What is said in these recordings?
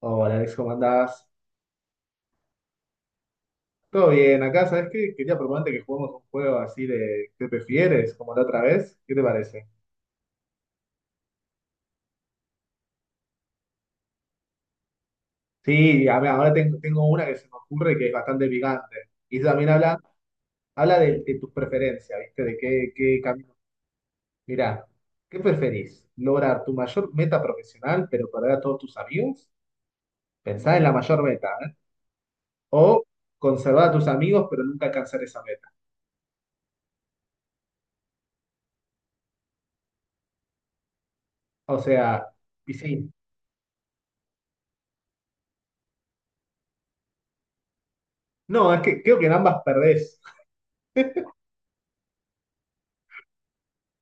Oh, hola Alex, ¿cómo andás? Todo bien, acá. ¿Sabes qué? Quería proponerte que juguemos un juego así de ¿qué prefieres? Como la otra vez. ¿Qué te parece? Sí, a ver, ahora tengo una que se me ocurre que es bastante picante. Y también habla, habla de tus preferencias, ¿viste? De qué, qué camino. Mirá, ¿qué preferís? ¿Lograr tu mayor meta profesional pero perder a todos tus amigos? Pensá en la mayor meta, ¿eh? O conservar a tus amigos pero nunca alcanzar esa meta. O sea, y sí. No, es que creo que en ambas perdés.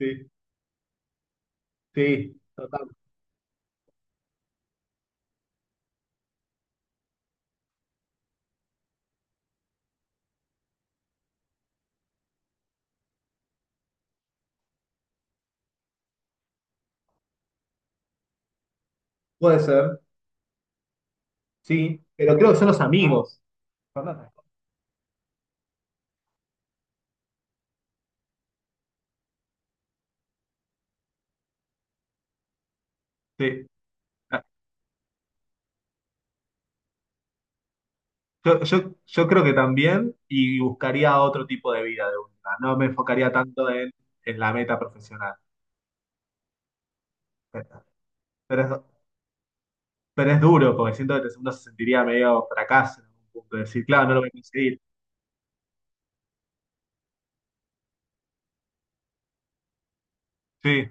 Sí, total. Puede ser, sí, pero creo que son los amigos, ¿verdad? Sí. Ah, yo creo que también, y buscaría otro tipo de vida de última. No me enfocaría tanto en la meta profesional. Pero, pero es, pero es duro porque siento que uno se sentiría medio fracaso en algún punto. De Decir, claro, no lo voy a conseguir. Sí,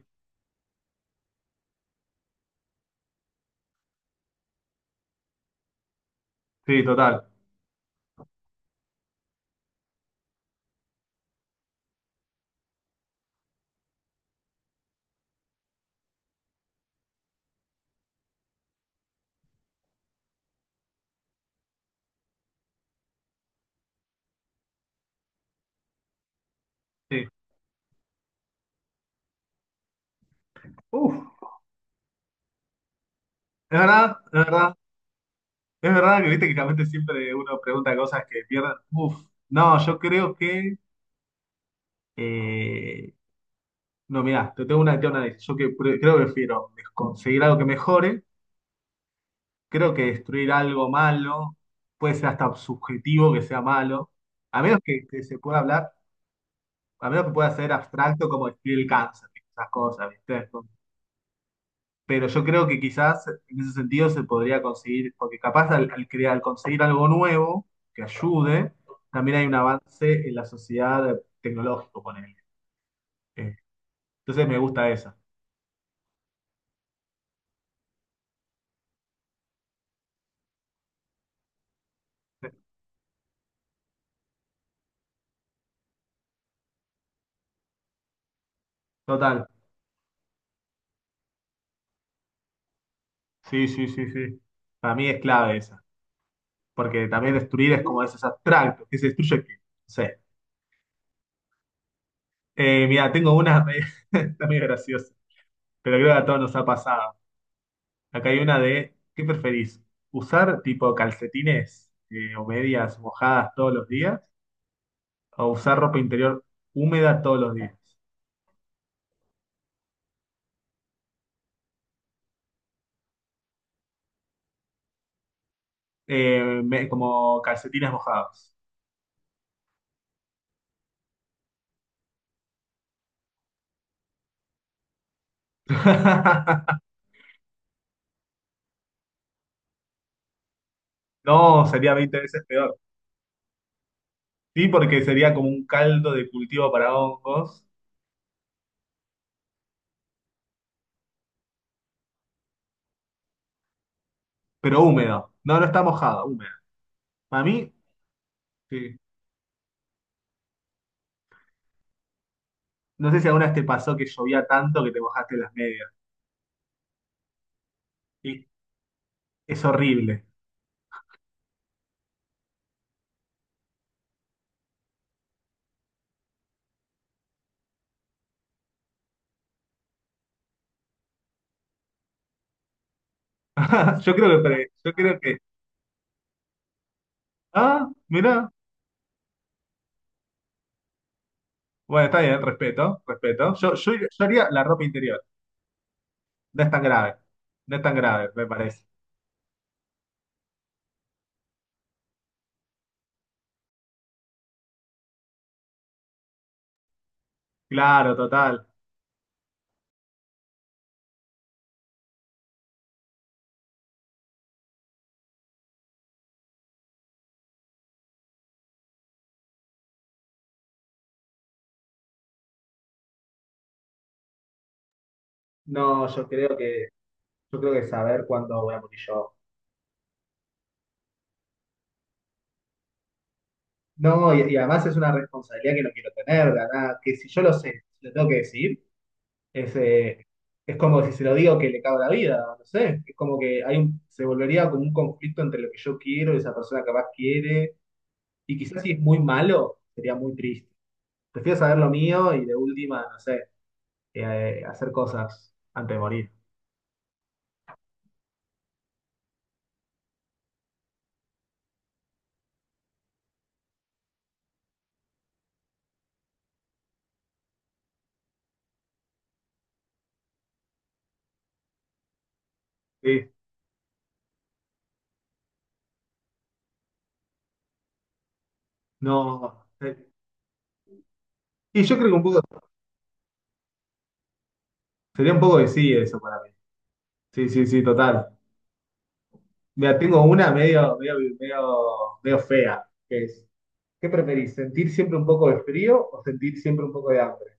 sí, total. Sí. Uf, es verdad, es verdad. Es verdad que viste que realmente siempre uno pregunta cosas que pierden. Uf, no, yo creo que eh, no, mirá, te tengo una lista. Yo que creo que prefiero conseguir algo que mejore, creo que destruir algo malo puede ser hasta subjetivo que sea malo, a menos que se pueda hablar, a menos que pueda ser abstracto como destruir el cáncer, esas cosas, ¿viste? Pero yo creo que quizás en ese sentido se podría conseguir, porque capaz al crear, al conseguir algo nuevo que ayude, también hay un avance en la sociedad tecnológico, ponele. Eh, Entonces me gusta esa. Total. Sí, sí, sí, sí. Para mí es clave esa, porque también destruir es como esos abstractos, que se destruye que, no sé. Mira, tengo una, está muy graciosa, pero creo que a todos nos ha pasado. Acá hay una de, ¿qué preferís? ¿Usar tipo calcetines o medias mojadas todos los días? ¿O usar ropa interior húmeda todos los días? Como calcetines mojados. No, sería 20 veces peor. Sí, porque sería como un caldo de cultivo para hongos, pero húmedo. No, no está mojado, húmedo. Para mí, sí. No sé si alguna vez te pasó que llovía tanto que te mojaste las medias. Y es horrible. Yo creo que, yo creo que, ah, mirá. Bueno, está bien, respeto, respeto. Yo haría la ropa interior. No es tan grave. No es tan grave, me parece. Claro, total. No, yo creo que saber cuándo voy a morir yo. No, y además es una responsabilidad que no quiero tener, ¿verdad? Que si yo lo sé, lo tengo que decir. Es, eh, es como si se lo digo que le cago la vida, no sé. Es como que se volvería como un conflicto entre lo que yo quiero y esa persona capaz quiere. Y quizás si es muy malo, sería muy triste. Prefiero saber lo mío y de última, no sé, hacer cosas antes de morir. Sí, no. Y yo creo que un poco, sería un poco de sí eso para mí. Sí, sí, sí, total. Mira, tengo una medio fea, que es, ¿qué preferís? ¿Sentir siempre un poco de frío o sentir siempre un poco de hambre?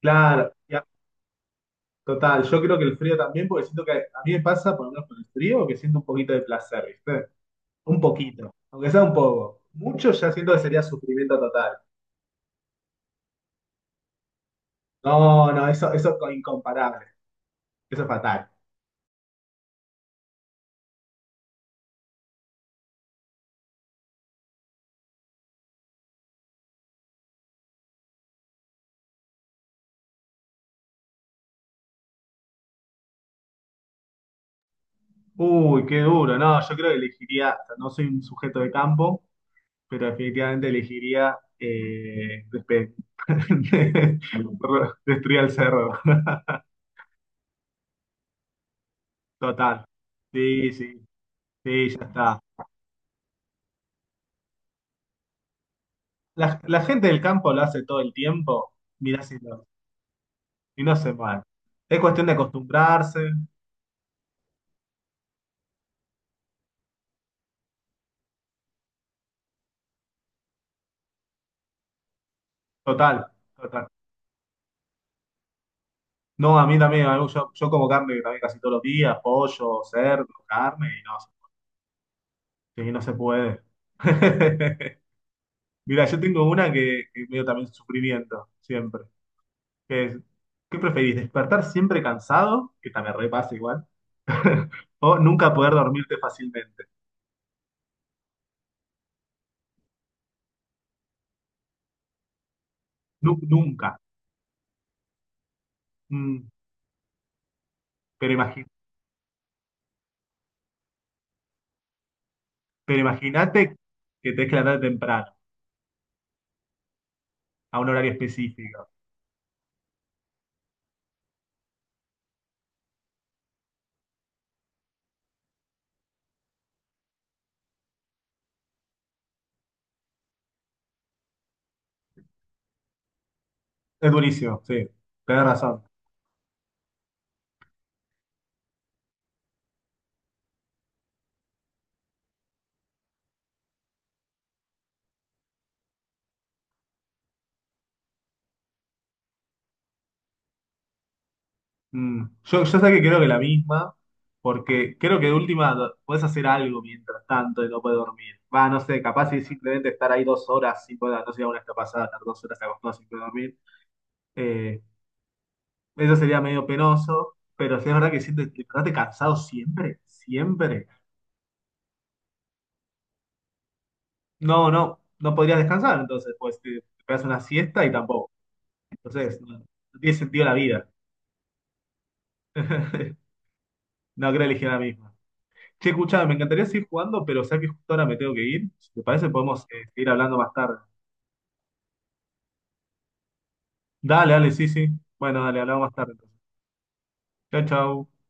Claro, ya, total. Yo creo que el frío también, porque siento que a mí me pasa, por lo menos con el frío, que siento un poquito de placer, ¿viste? Un poquito, aunque sea un poco. Mucho ya siento que sería sufrimiento total. No, no, eso es incomparable. Eso es fatal. Uy, qué duro. No, yo creo que elegiría, o sea, no soy un sujeto de campo, pero definitivamente elegiría destruir el cerro. Total. Sí, sí, sí, ya está. La gente del campo lo hace todo el tiempo, mirá si no, si no se mal. Es cuestión de acostumbrarse, total, total. No, a mí también, yo, yo como carne también casi todos los días, pollo, cerdo, carne, y no, sí, no se puede. Mira, yo tengo una que veo también sufrimiento, siempre, que es, ¿qué preferís? ¿Despertar siempre cansado? Que también repasa igual. O nunca poder dormirte fácilmente. Nunca. Mm, pero Pero imagínate que tenés que levantar temprano, a un horario específico. Es durísimo, sí, tenés razón. Mm. Yo sé que creo que la misma, porque creo que de última podés hacer algo mientras tanto y no podés dormir. Va, no sé, capaz si simplemente estar ahí 2 horas sin poder, no sé, una pasada, estar 2 horas acostado sin poder dormir. Eh, eso sería medio penoso, pero si es verdad que sientes, te despertaste cansado siempre, siempre. No, no, no podrías descansar, entonces pues te pegas una siesta y tampoco. Entonces no, no tiene sentido la vida. No, creo que elegí la misma. Che, escuchame, me encantaría seguir jugando, pero sé que justo ahora me tengo que ir. Si te parece, podemos seguir hablando más tarde. Dale, dale, sí, sí. Bueno, dale, hablamos más tarde entonces. Chau, chau.